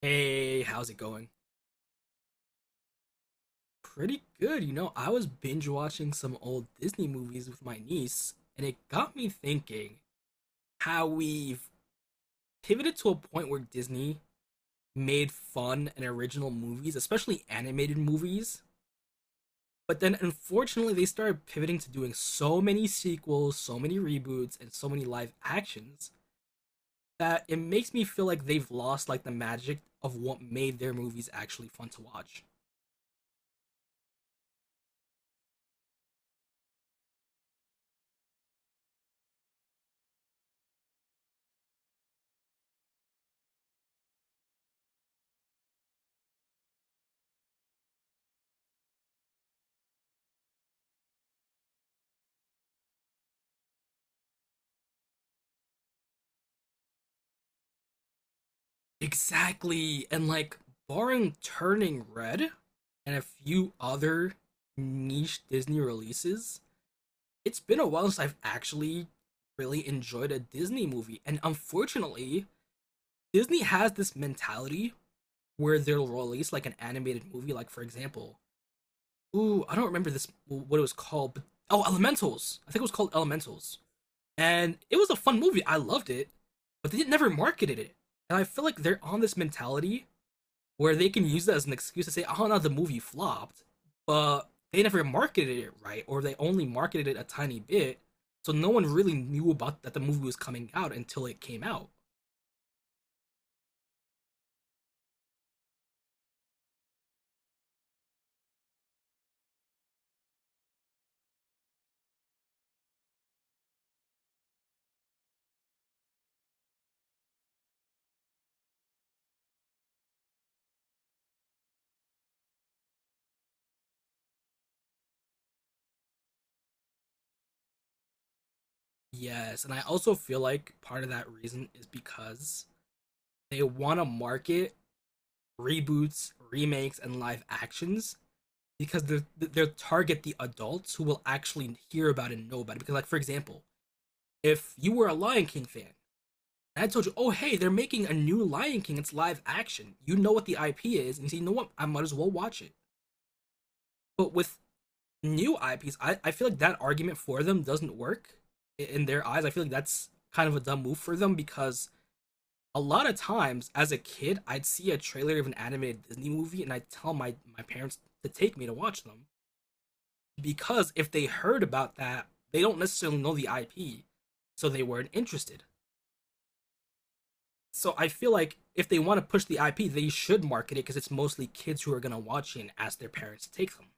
Hey, how's it going? Pretty good. You know, I was binge watching some old Disney movies with my niece, and it got me thinking how we've pivoted to a point where Disney made fun and original movies, especially animated movies. But then unfortunately, they started pivoting to doing so many sequels, so many reboots, and so many live actions that it makes me feel like they've lost like the magic of what made their movies actually fun to watch. Exactly. And like barring Turning Red and a few other niche Disney releases, it's been a while since I've actually really enjoyed a Disney movie. And unfortunately, Disney has this mentality where they'll release like an animated movie, like for example, ooh, I don't remember this what it was called, but oh, Elementals. I think it was called Elementals. And it was a fun movie. I loved it, but they never marketed it. And I feel like they're on this mentality where they can use that as an excuse to say, "Oh no, the movie flopped," but they never marketed it right, or they only marketed it a tiny bit, so no one really knew about that the movie was coming out until it came out. Yes, and I also feel like part of that reason is because they want to market reboots, remakes, and live actions because they're target the adults who will actually hear about it and know about it. Because, like, for example, if you were a Lion King fan, and I told you, oh hey, they're making a new Lion King. It's live action. You know what the IP is, and you say, you know what, I might as well watch it. But with new IPs, I feel like that argument for them doesn't work in their eyes. I feel like that's kind of a dumb move for them because a lot of times as a kid, I'd see a trailer of an animated Disney movie and I'd tell my parents to take me to watch them because if they heard about that, they don't necessarily know the IP, so they weren't interested. So I feel like if they want to push the IP, they should market it because it's mostly kids who are gonna watch it and ask their parents to take them.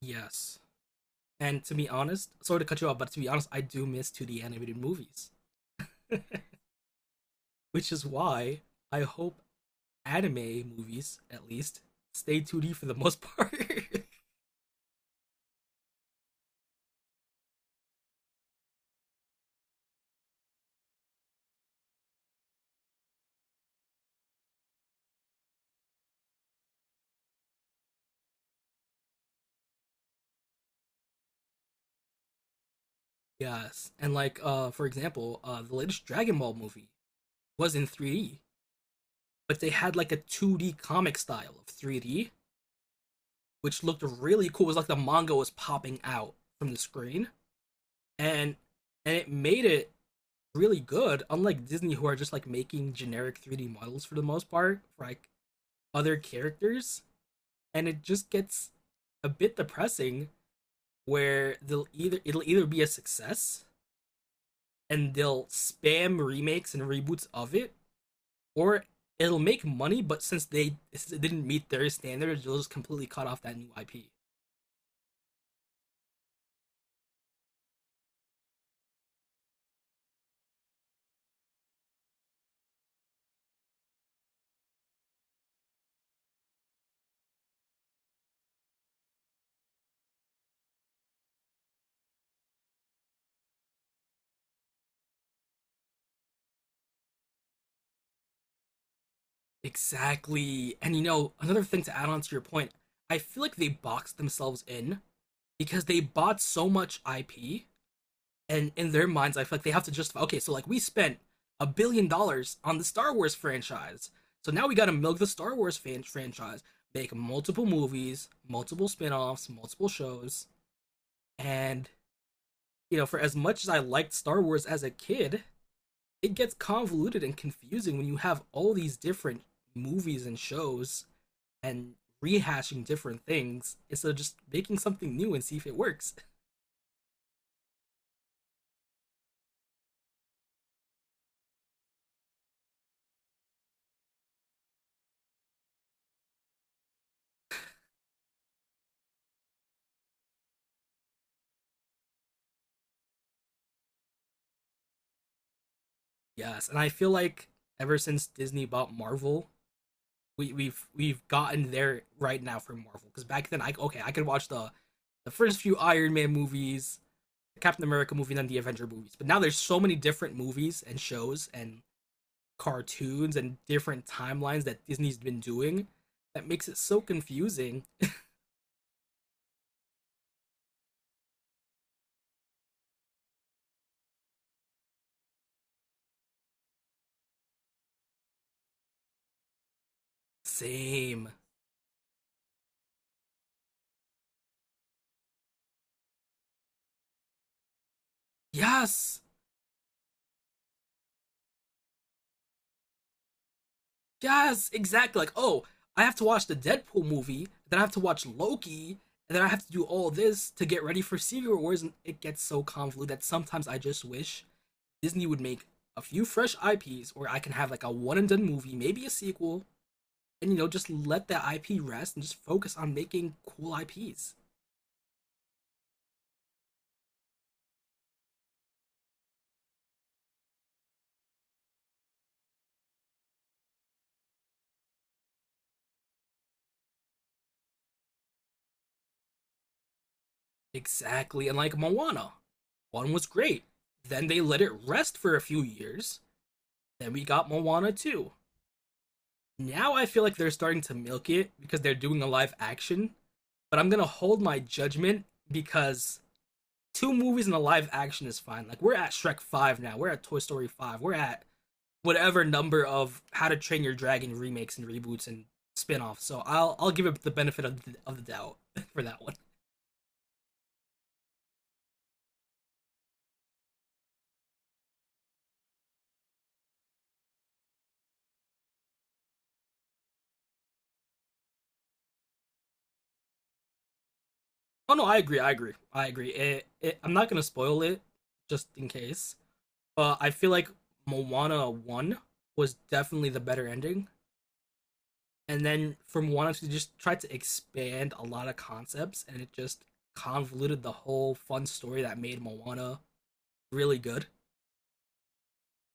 Yes. And to be honest, sorry to cut you off, but to be honest, I do miss 2D animated movies, which is why I hope anime movies, at least, stay 2D for the most part. Yes. And like, for example, the latest Dragon Ball movie was in 3D, but they had like a 2D comic style of 3D, which looked really cool. It was like the manga was popping out from the screen. and and it made it really good. Unlike Disney, who are just like making generic 3D models for the most part, for like other characters, and it just gets a bit depressing. Where they'll either it'll either be a success and they'll spam remakes and reboots of it, or it'll make money, but since they didn't meet their standards, they'll just completely cut off that new IP. Exactly. And you know, another thing to add on to your point, I feel like they boxed themselves in because they bought so much IP, and in their minds, I feel like they have to justify. Okay, so like we spent $1 billion on the Star Wars franchise, so now we got to milk the franchise, make multiple movies, multiple spin-offs, multiple shows, and you know, for as much as I liked Star Wars as a kid, it gets convoluted and confusing when you have all these different movies and shows and rehashing different things instead of just making something new and see if it works. Yes, and I feel like ever since Disney bought Marvel, we've gotten there right now for Marvel. Because back then, I okay, I could watch the first few Iron Man movies, the Captain America movie, and then the Avenger movies. But now there's so many different movies and shows and cartoons and different timelines that Disney's been doing that makes it so confusing. Same. Yes. Yes, exactly. Like, oh, I have to watch the Deadpool movie, then I have to watch Loki, and then I have to do all this to get ready for Secret Wars, and it gets so convoluted that sometimes I just wish Disney would make a few fresh IPs, or I can have like a one and done movie, maybe a sequel, and you know, just let that IP rest and just focus on making cool IPs. Exactly, and like Moana. One was great. Then they let it rest for a few years. Then we got Moana 2. Now I feel like they're starting to milk it because they're doing a live action, but I'm gonna hold my judgment because two movies in a live action is fine. Like we're at Shrek Five now, we're at Toy Story Five, we're at whatever number of How to Train Your Dragon remakes and reboots and spin-offs. So I'll give it the benefit of the doubt for that one. Oh no, I agree, I agree, I agree. I'm not gonna spoil it just in case, but I feel like Moana One was definitely the better ending. And then from one she just tried to expand a lot of concepts and it just convoluted the whole fun story that made Moana really good.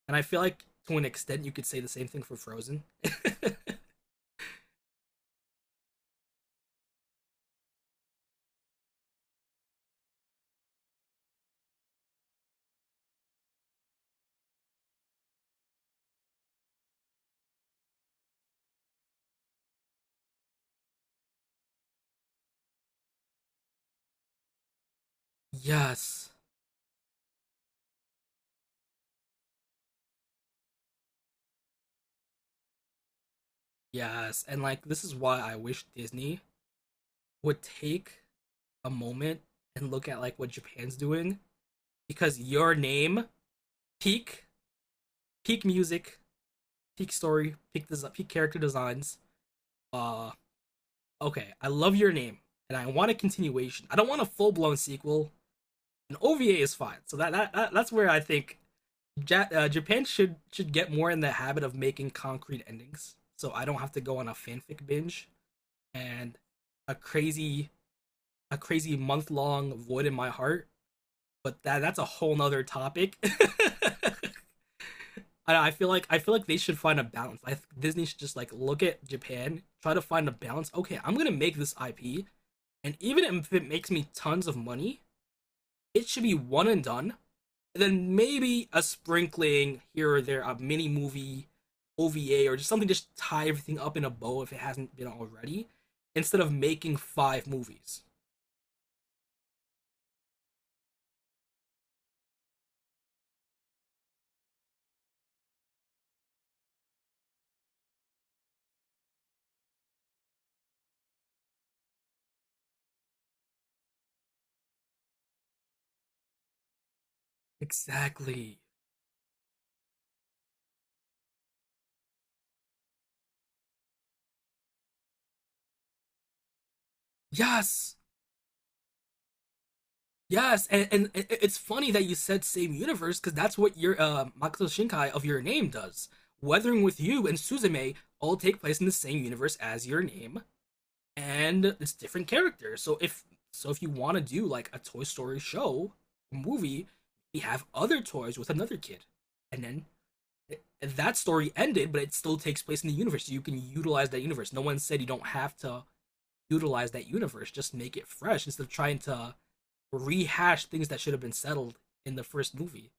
And I feel like to an extent you could say the same thing for Frozen. Yes. Yes. And like this is why I wish Disney would take a moment and look at like what Japan's doing because your name peak peak music, peak story, peak character designs, uh okay, I love your name, and I want a continuation. I don't want a full blown sequel. An OVA is fine. So that's where I think Japan should get more in the habit of making concrete endings. So I don't have to go on a fanfic binge and a crazy a crazy month long void in my heart. But that's a whole nother topic. I feel like they should find a balance. I Disney should just like look at Japan, try to find a balance. Okay, I'm gonna make this IP, and even if it makes me tons of money, it should be one and done. And then maybe a sprinkling here or there, a mini movie, OVA, or just something just tie everything up in a bow if it hasn't been already, instead of making five movies. Exactly. Yes! Yes, and it- it's funny that you said same universe because that's what your Makoto Shinkai of Your Name does. Weathering with You and Suzume all take place in the same universe as Your Name, and it's different characters. So, if you want to do like a Toy Story show or movie, you have other toys with another kid, and then th- that story ended, but it still takes place in the universe. You can utilize that universe. No one said you don't have to utilize that universe. Just make it fresh instead of trying to rehash things that should have been settled in the first movie.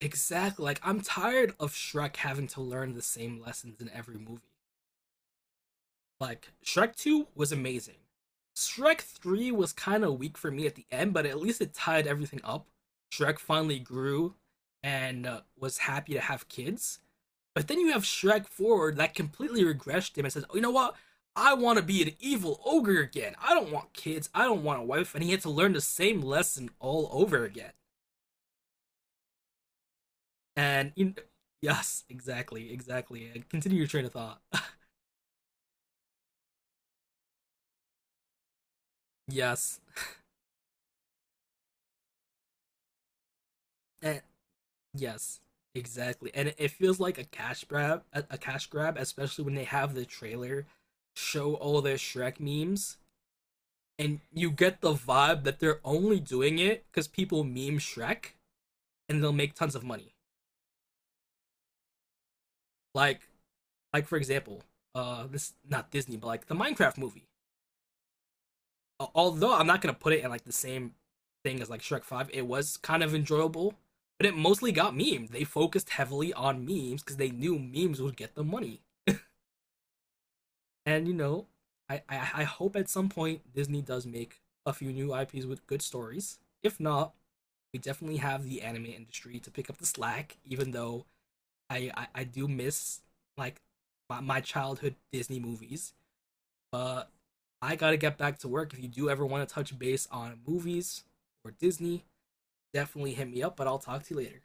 Exactly. Like I'm tired of Shrek having to learn the same lessons in every movie. Like Shrek 2 was amazing. Shrek 3 was kind of weak for me at the end, but at least it tied everything up. Shrek finally grew and was happy to have kids. But then you have Shrek 4 that completely regressed him and says, oh, you know what? I want to be an evil ogre again. I don't want kids. I don't want a wife. And he had to learn the same lesson all over again. and in, yes, exactly, exactly, and continue your train of thought. Yes. and, yes, exactly, and it feels like a cash grab, a cash grab, especially when they have the trailer show all their shrek memes, and you get the vibe that they're only doing it because people meme shrek and they'll make tons of money. like like for example, this not disney but like the minecraft movie, although I'm not gonna put it in like the same thing as like Shrek Five, it was kind of enjoyable, but it mostly got memed. They focused heavily on memes because they knew memes would get the money. And you know, I hope at some point Disney does make a few new IPs with good stories. If not, we definitely have the anime industry to pick up the slack. Even though I do miss like my childhood Disney movies, but I gotta get back to work. If you do ever want to touch base on movies or Disney, definitely hit me up, but I'll talk to you later.